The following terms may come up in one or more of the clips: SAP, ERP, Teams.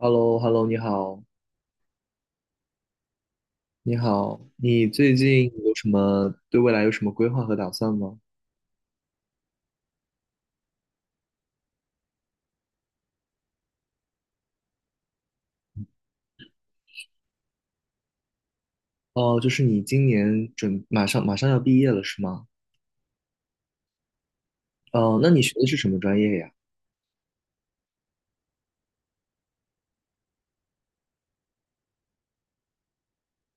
h e l l o h e l l o 你好，你好，你最近有什么对未来有什么规划和打算吗？哦，就是你今年马上要毕业了是吗？哦，那你学的是什么专业呀？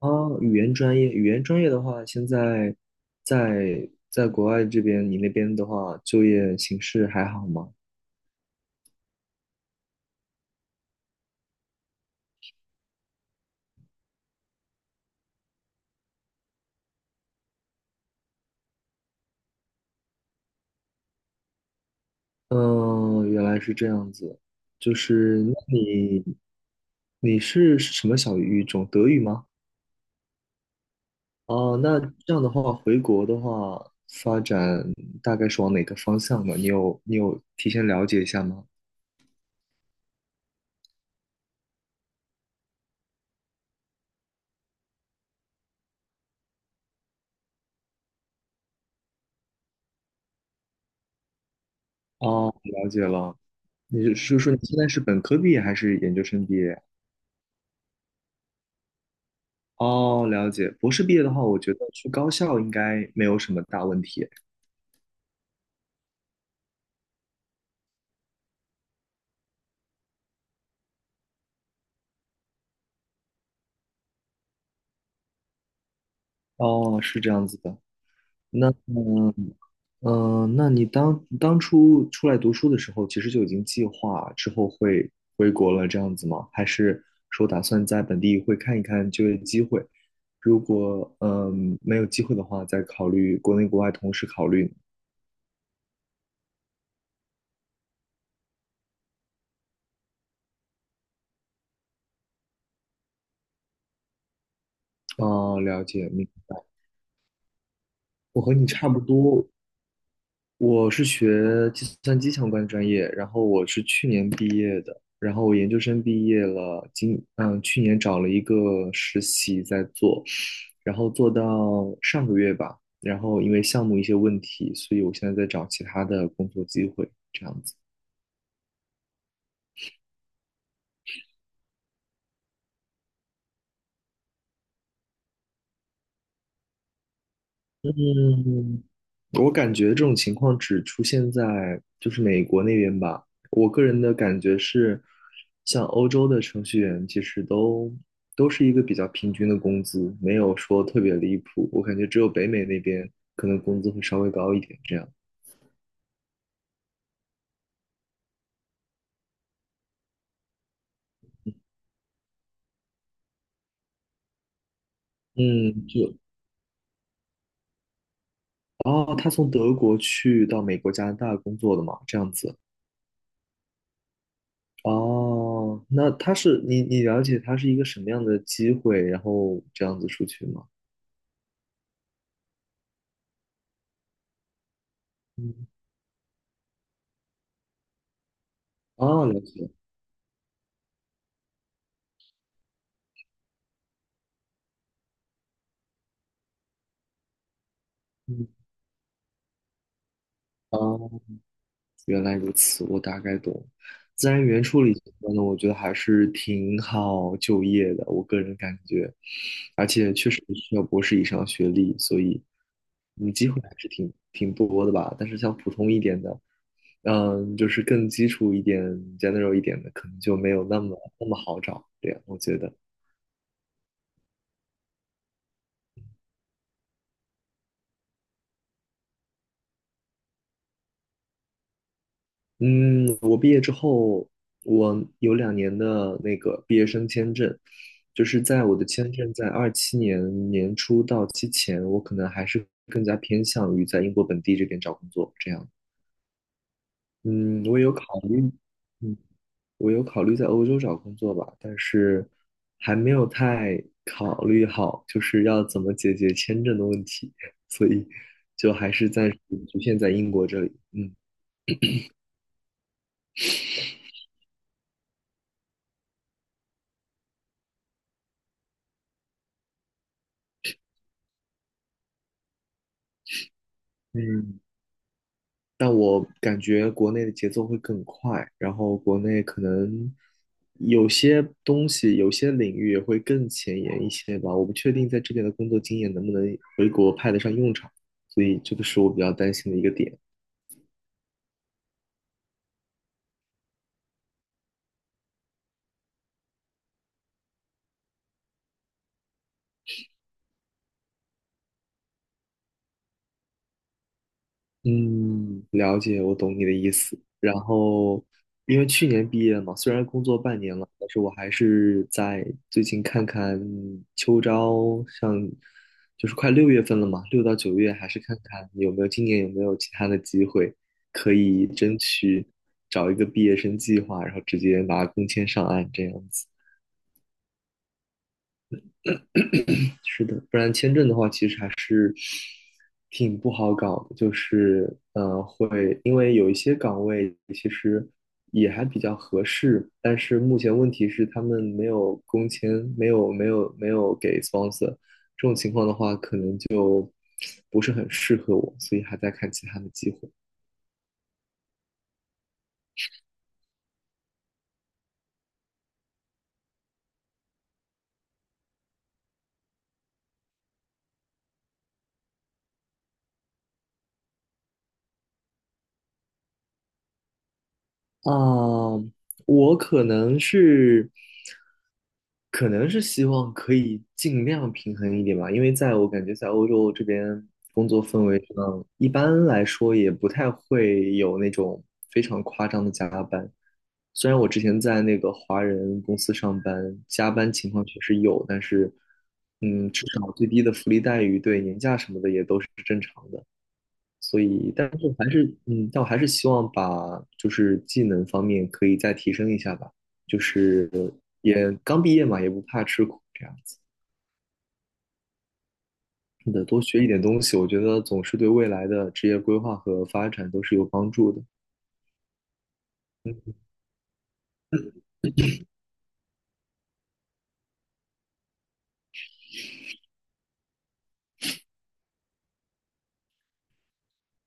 哦，语言专业，语言专业的话，现在在国外这边，你那边的话，就业形势还好吗？嗯，原来是这样子，就是那你是什么小语种？德语吗？哦，那这样的话，回国的话，发展大概是往哪个方向呢？你有提前了解一下吗？哦，了解了。你是说你现在是本科毕业还是研究生毕业？哦，了解。博士毕业的话，我觉得去高校应该没有什么大问题。哦，是这样子的。那嗯、那你当初出来读书的时候，其实就已经计划之后会回国了，这样子吗？还是说打算在本地会看一看就业机会？如果没有机会的话，再考虑国内国外同时考虑。哦，了解你，我和你差不多，我是学计算机相关专业，然后我是去年毕业的，然后我研究生毕业了，去年找了一个实习在做，然后做到上个月吧，然后因为项目一些问题，所以我现在在找其他的工作机会，这样子。嗯，我感觉这种情况只出现在就是美国那边吧。我个人的感觉是，像欧洲的程序员其实都是一个比较平均的工资，没有说特别离谱。我感觉只有北美那边可能工资会稍微高一点这样。嗯，哦，他从德国去到美国、加拿大工作的嘛，这样子。哦，那他是你了解他是一个什么样的机会，然后这样子出去吗？嗯，啊，了解。嗯，哦，原来如此，我大概懂。自然语言处理相关的，我觉得还是挺好就业的，我个人感觉，而且确实需要博士以上学历，所以嗯，机会还是挺多的吧。但是像普通一点的，嗯，就是更基础一点、general 一点的，可能就没有那么好找。对，我觉得。嗯，我毕业之后，我有2年的那个毕业生签证，就是在我的签证在27年年初到期前，我可能还是更加偏向于在英国本地这边找工作这样。嗯，我有考虑，嗯，我有考虑在欧洲找工作吧，但是还没有太考虑好，就是要怎么解决签证的问题，所以就还是暂时局限在英国这里。嗯。嗯但我感觉国内的节奏会更快，然后国内可能有些东西、有些领域也会更前沿一些吧。我不确定在这边的工作经验能不能回国派得上用场，所以这个是我比较担心的一个点。嗯，了解，我懂你的意思。然后，因为去年毕业嘛，虽然工作半年了，但是我还是在最近看看秋招，像就是快6月份了嘛，6到9月还是看看有没有今年有没有其他的机会可以争取找一个毕业生计划，然后直接拿工签上岸这样子。是的，不然签证的话，其实还是挺不好搞的，就是会因为有一些岗位其实也还比较合适，但是目前问题是他们没有工签，没有给 sponsor，这种情况的话，可能就不是很适合我，所以还在看其他的机会。啊，我可能是，可能是希望可以尽量平衡一点吧，因为在我感觉在欧洲这边工作氛围上，一般来说也不太会有那种非常夸张的加班。虽然我之前在那个华人公司上班，加班情况确实有，但是，嗯，至少最低的福利待遇对年假什么的也都是正常的。所以，但是还是，嗯，但我还是希望把就是技能方面可以再提升一下吧，就是也刚毕业嘛，也不怕吃苦这样子。是的，多学一点东西，我觉得总是对未来的职业规划和发展都是有帮助的。嗯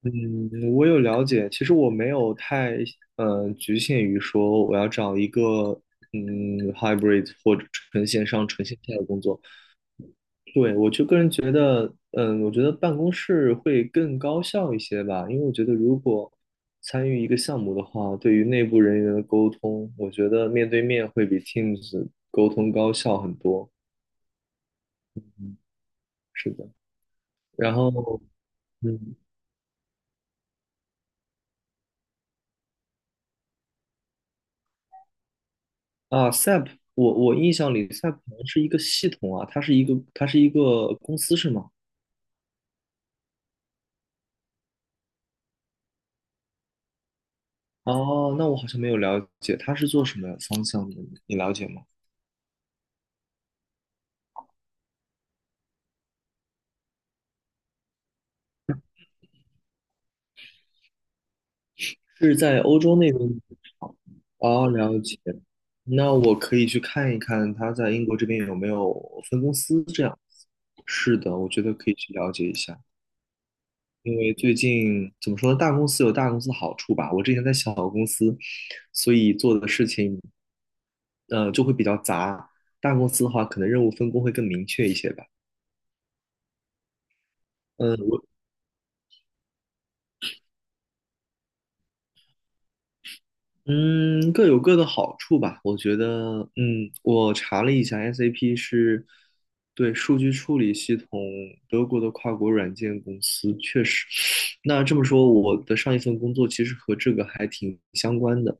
嗯，我有了解，其实我没有太，局限于说我要找一个，嗯，hybrid 或者纯线上、纯线下的工作。对，我就个人觉得，嗯，我觉得办公室会更高效一些吧，因为我觉得如果参与一个项目的话，对于内部人员的沟通，我觉得面对面会比 Teams 沟通高效很多。是的，然后，嗯，SAP，我印象里 SAP 好像是一个系统啊，它是一个公司是吗？哦，那我好像没有了解，它是做什么方向的？你了解吗？是在欧洲那边的场哦，了解。那我可以去看一看他在英国这边有没有分公司这样。是的，我觉得可以去了解一下，因为最近怎么说呢，大公司有大公司的好处吧。我之前在小公司，所以做的事情就会比较杂。大公司的话，可能任务分工会更明确一些吧。嗯，我嗯，各有各的好处吧。我觉得，嗯，我查了一下，SAP 是对数据处理系统德国的跨国软件公司，确实。那这么说，我的上一份工作其实和这个还挺相关的。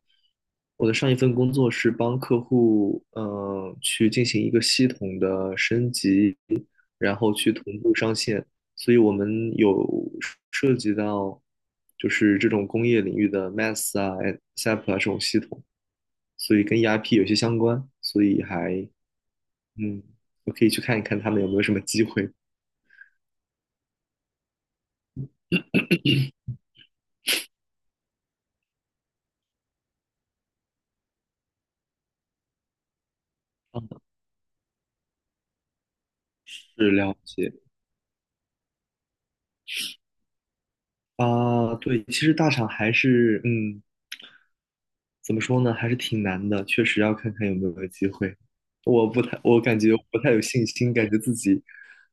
我的上一份工作是帮客户，去进行一个系统的升级。然后去同步上线。所以我们有涉及到就是这种工业领域的 MATS 啊、SAP 啊这种系统，所以跟 ERP 有些相关，所以还嗯，我可以去看一看他们有没有什么机会。嗯，是了解啊，对，其实大厂还是嗯。怎么说呢，还是挺难的，确实要看看有没有机会。我感觉不太有信心，感觉自己，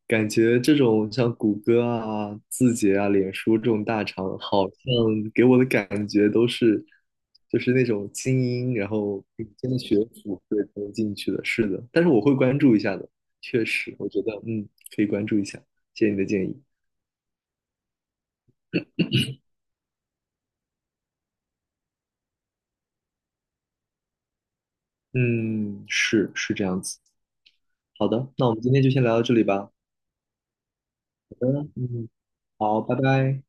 感觉这种像谷歌啊、字节啊、脸书这种大厂，好像给我的感觉都是，就是那种精英，然后顶尖的学府对才能进去的。是的，但是我会关注一下的，确实，我觉得嗯，可以关注一下，谢谢你的建议。嗯，是这样子。好的，那我们今天就先聊到这里吧。嗯，好，拜拜。